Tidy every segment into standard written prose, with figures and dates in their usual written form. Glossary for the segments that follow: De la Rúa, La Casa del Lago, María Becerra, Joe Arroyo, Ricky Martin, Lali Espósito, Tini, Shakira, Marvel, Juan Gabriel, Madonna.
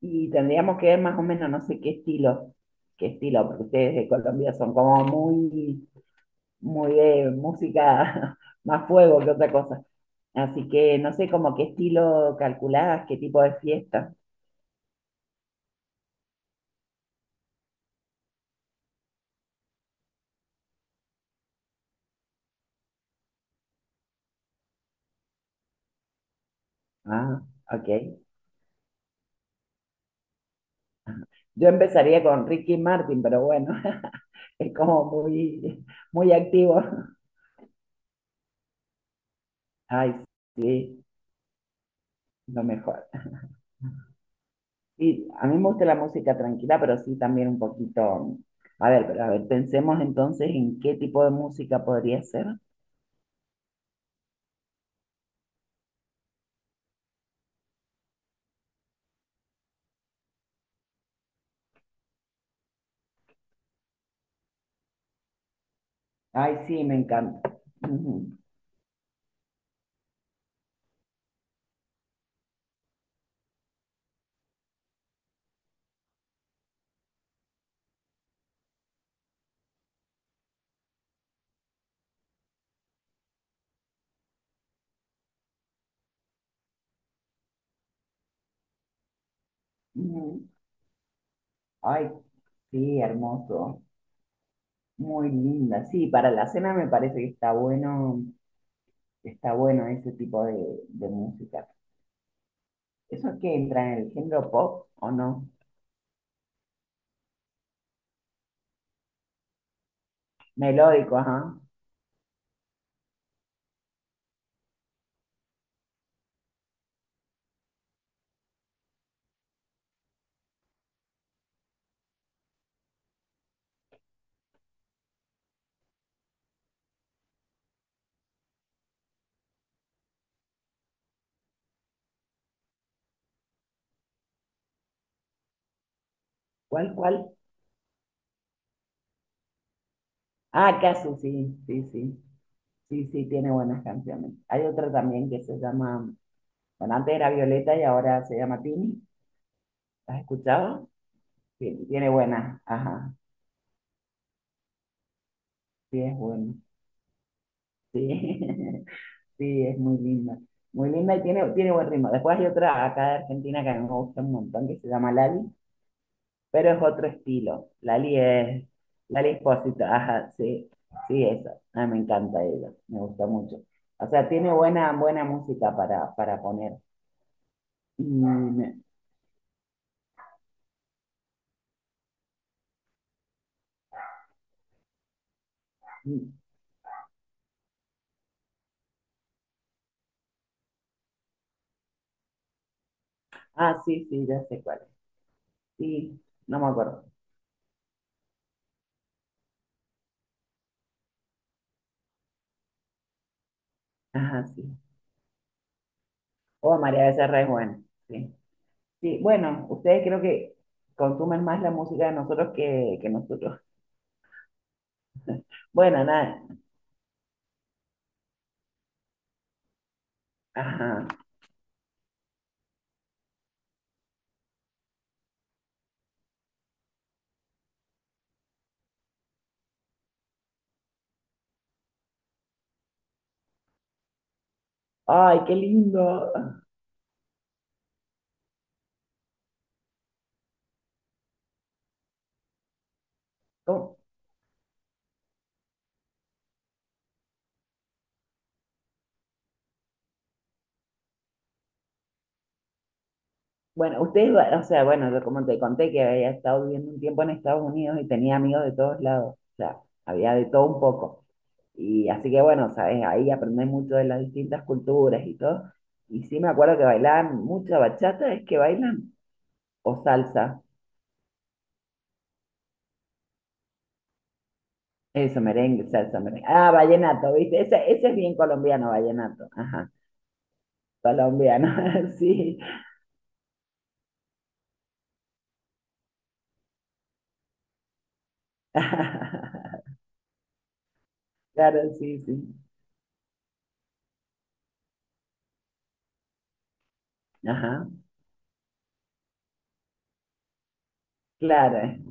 Y tendríamos que ver más o menos, no sé qué estilo, porque ustedes de Colombia son como muy, muy de música más fuego que otra cosa. Así que no sé como qué estilo calculabas, qué tipo de fiesta. Ah, ok. Yo empezaría con Ricky Martin, pero bueno, es como muy, muy activo. Ay, sí, lo mejor. Y a mí me gusta la música tranquila, pero sí también un poquito. A ver, pero a ver, pensemos entonces en qué tipo de música podría ser. Ay, sí, me encanta. Ujú, ujú. Ay, sí, hermoso. Muy linda. Sí, para la cena me parece que está bueno ese tipo de música. ¿Eso es que entra en el género pop o no? Melódico, ajá. ¿Cuál, cuál? Ah, Casu, sí, sí, sí. Sí, sí, tiene buenas canciones. Hay otra también que se llama. Bueno, antes era Violeta y ahora se llama Tini. ¿Has escuchado? Sí, tiene buena. Ajá, sí, es bueno. Sí, sí, es muy linda. Muy linda y tiene, tiene buen ritmo. Después hay otra acá de Argentina que a mí me gusta un montón, que se llama Lali, pero es otro estilo. Lali es, Lali Espósito, ajá, sí, sí, eso. A mí me encanta ella, me gusta mucho. O sea, tiene buena, buena música para poner. Y me- y- ah, sí, sí, ya sé cuál es. Sí, no me acuerdo. Ajá, sí. Oh, María Becerra es buena, sí. Sí, bueno, ustedes creo que consumen más la música de nosotros que nosotros. Bueno, nada. Ajá. Ay, qué lindo. ¿Cómo? Bueno, ustedes, va- o sea, bueno, yo como te conté que había estado viviendo un tiempo en Estados Unidos y tenía amigos de todos lados, o sea, había de todo un poco. Y así que bueno, sabes, ahí aprendí mucho de las distintas culturas y todo. Y sí me acuerdo que bailaban mucha bachata, es que bailan, o salsa. Eso, merengue, salsa, merengue. Ah, vallenato, ¿viste? Ese es bien colombiano, vallenato. Ajá, colombiano, sí. Claro, sí, sí. Ajá, claro.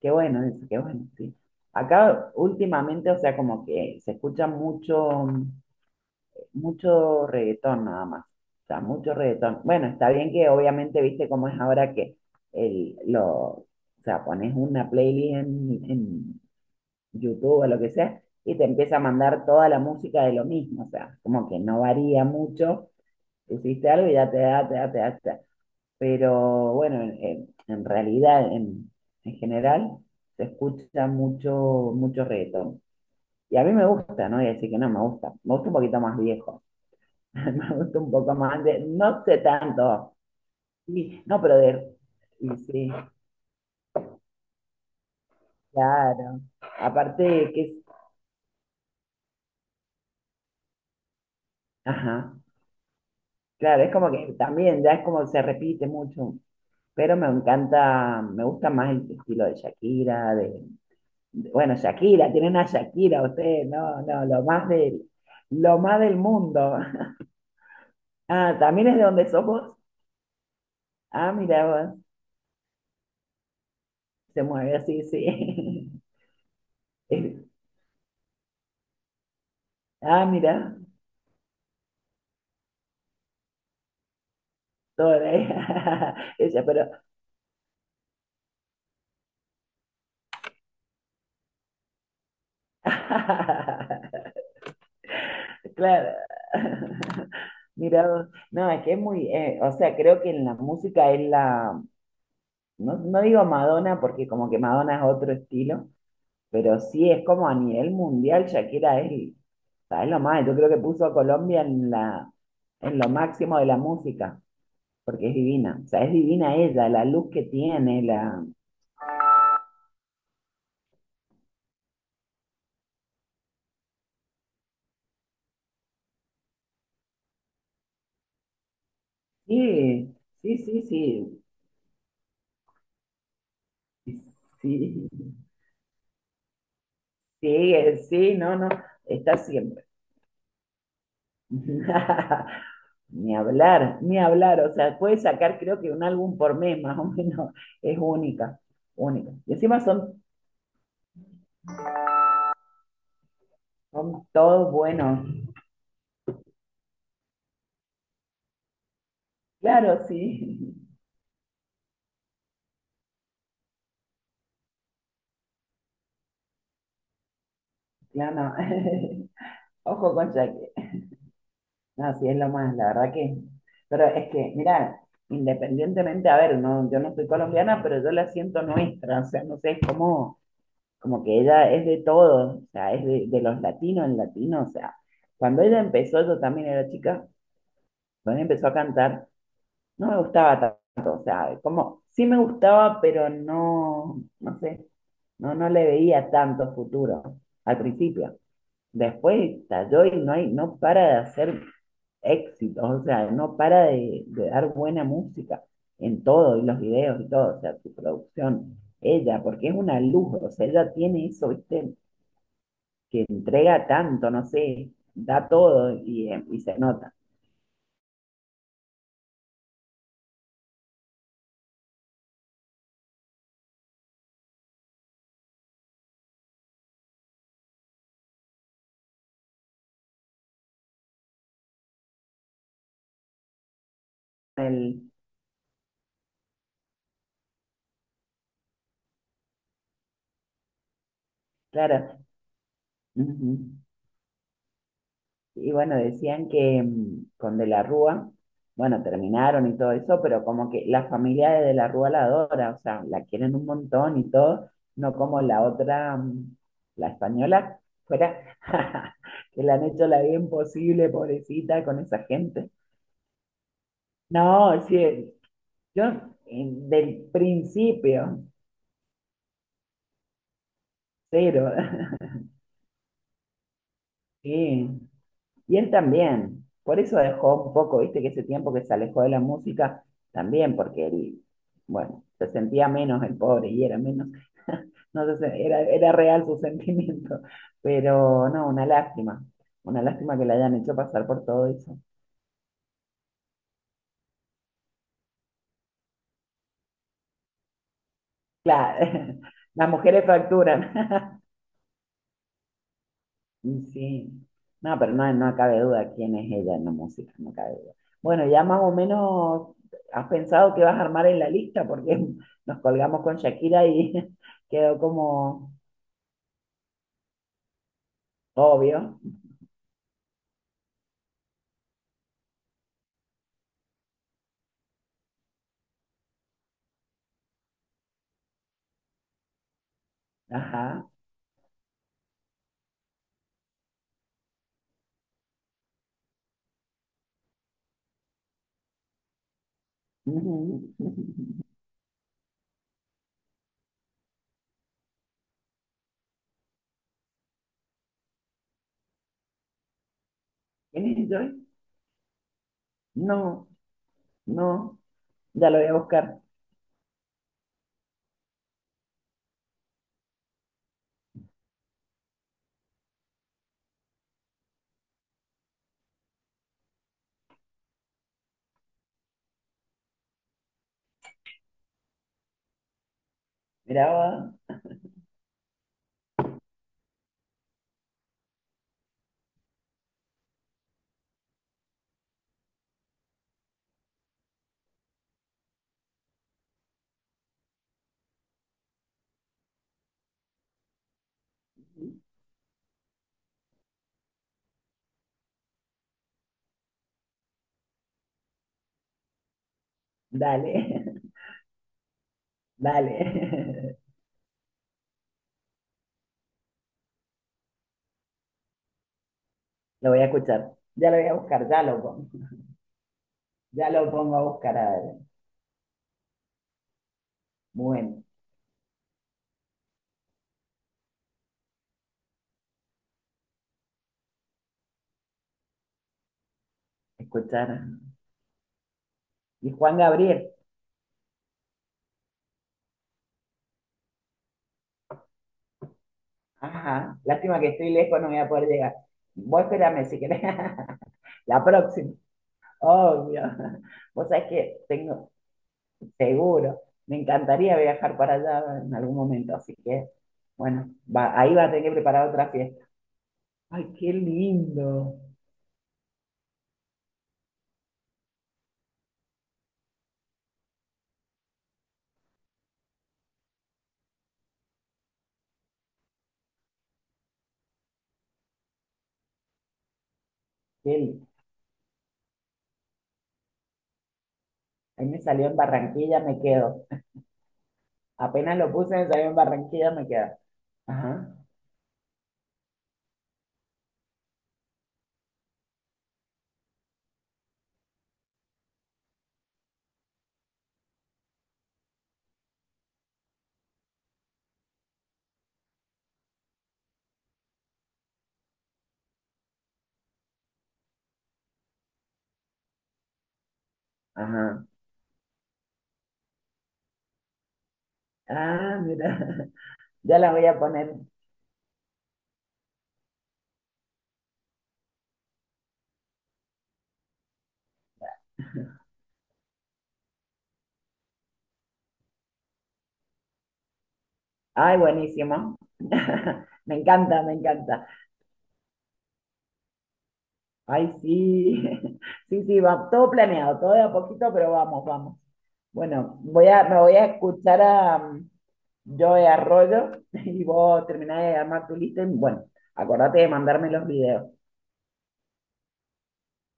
Qué bueno eso, qué bueno, sí. Acá últimamente, o sea, como que se escucha mucho, mucho reggaetón nada más. O sea, mucho reggaetón. Bueno, está bien que obviamente, viste cómo es ahora que el, lo, o sea, pones una playlist en YouTube o lo que sea, y te empieza a mandar toda la música de lo mismo, o sea, como que no varía mucho, hiciste algo y ya te da, te da, te da, te da. Pero bueno, en realidad, en general, se escucha mucho, mucho reggaetón. Y a mí me gusta, no voy a decir que no me gusta, me gusta un poquito más viejo, me gusta un poco más de, no sé tanto. Sí, no, pero de, y sí, claro, aparte que es, ajá. Claro, es como que también ya es como se repite mucho, pero me encanta, me gusta más el estilo de Shakira, de- bueno, Shakira, tiene una Shakira usted, no, no, lo más del mundo. Ah, también es de donde somos. Ah, mira, vos, se mueve así, sí. Eh, Ah, mira, toda ella, pero claro. Mira, vos. No, es que es muy, o sea, creo que en la música es la, no, no digo Madonna porque como que Madonna es otro estilo, pero sí es como a nivel mundial, Shakira es, ¿sabes lo más? Yo creo que puso a Colombia en la, en lo máximo de la música, porque es divina, o sea, es divina ella, la luz que tiene, la... Sí, sí, sí, sí, sí, sí, sí, no, no, está siempre. Ni hablar, ni hablar, o sea, puede sacar creo que un álbum por mes más o menos, es única, única. Y encima son. Son todos buenos. Claro, sí. Claro, no. Ojo con Jaque. No, sí, es lo más, la verdad que. Pero es que, mira, independientemente, a ver, no, yo no soy colombiana, pero yo la siento nuestra. O sea, no sé, es como, como que ella es de todos. O sea, es de los latinos, el latino. O sea, cuando ella empezó, yo también era chica, cuando ella empezó a cantar, no me gustaba tanto, o sea, como sí me gustaba, pero no, no sé, no, no le veía tanto futuro al principio. Después estalló y no hay, no para de hacer éxitos, o sea, no para de dar buena música en todo, y los videos y todo, o sea, su producción, ella, porque es una luz, o sea, ella tiene eso, viste, que entrega tanto, no sé, da todo y se nota. El, claro. Ujú. Y bueno, decían que mm, con De la Rúa, bueno, terminaron y todo eso, pero como que la familia de la Rúa la adora, o sea, la quieren un montón y todo, no como la otra, mm, la española, fuera, que le han hecho la vida imposible, pobrecita, con esa gente. No, sí, yo del principio, cero, sí. Y él también, por eso dejó un poco, viste, que ese tiempo que se alejó de la música, también porque él, bueno, se sentía menos el pobre y era menos, no sé, se- era, era real su sentimiento, pero no, una lástima que le hayan hecho pasar por todo eso. Claro, las mujeres facturan. Mm, sí, no, pero no, no cabe duda quién es ella en la música, no cabe duda. Bueno, ya más o menos has pensado que vas a armar en la lista, porque nos colgamos con Shakira y quedó como obvio. Ajá. Ujú. ¿Quién es Joy? No, no, ya lo voy a buscar. Mira, va. Dale, dale, lo voy a escuchar. Ya lo voy a buscar, ya lo pongo a buscar. A ver. Bueno, escuchar. Y Juan Gabriel. Ajá, lástima que estoy lejos, no voy a poder llegar. Vos espérame si querés. La próxima, obvio. Vos sabés que tengo, seguro, me encantaría viajar para allá en algún momento, así que, bueno, va- ahí va a tener que preparar otra fiesta. Ay, qué lindo. Qué li- ahí me salió en Barranquilla, me quedo. Apenas lo puse, me salió en Barranquilla, me quedo. Ajá, ajá. Ah, mira, ya la voy a poner. Ay, buenísimo. Me encanta, me encanta. Ay, sí, sí, sí, va, todo planeado, todo de a poquito, pero vamos, vamos. Bueno, voy a, me voy a escuchar a Joe Arroyo y vos terminás de armar tu lista y bueno, acordate de mandarme los videos.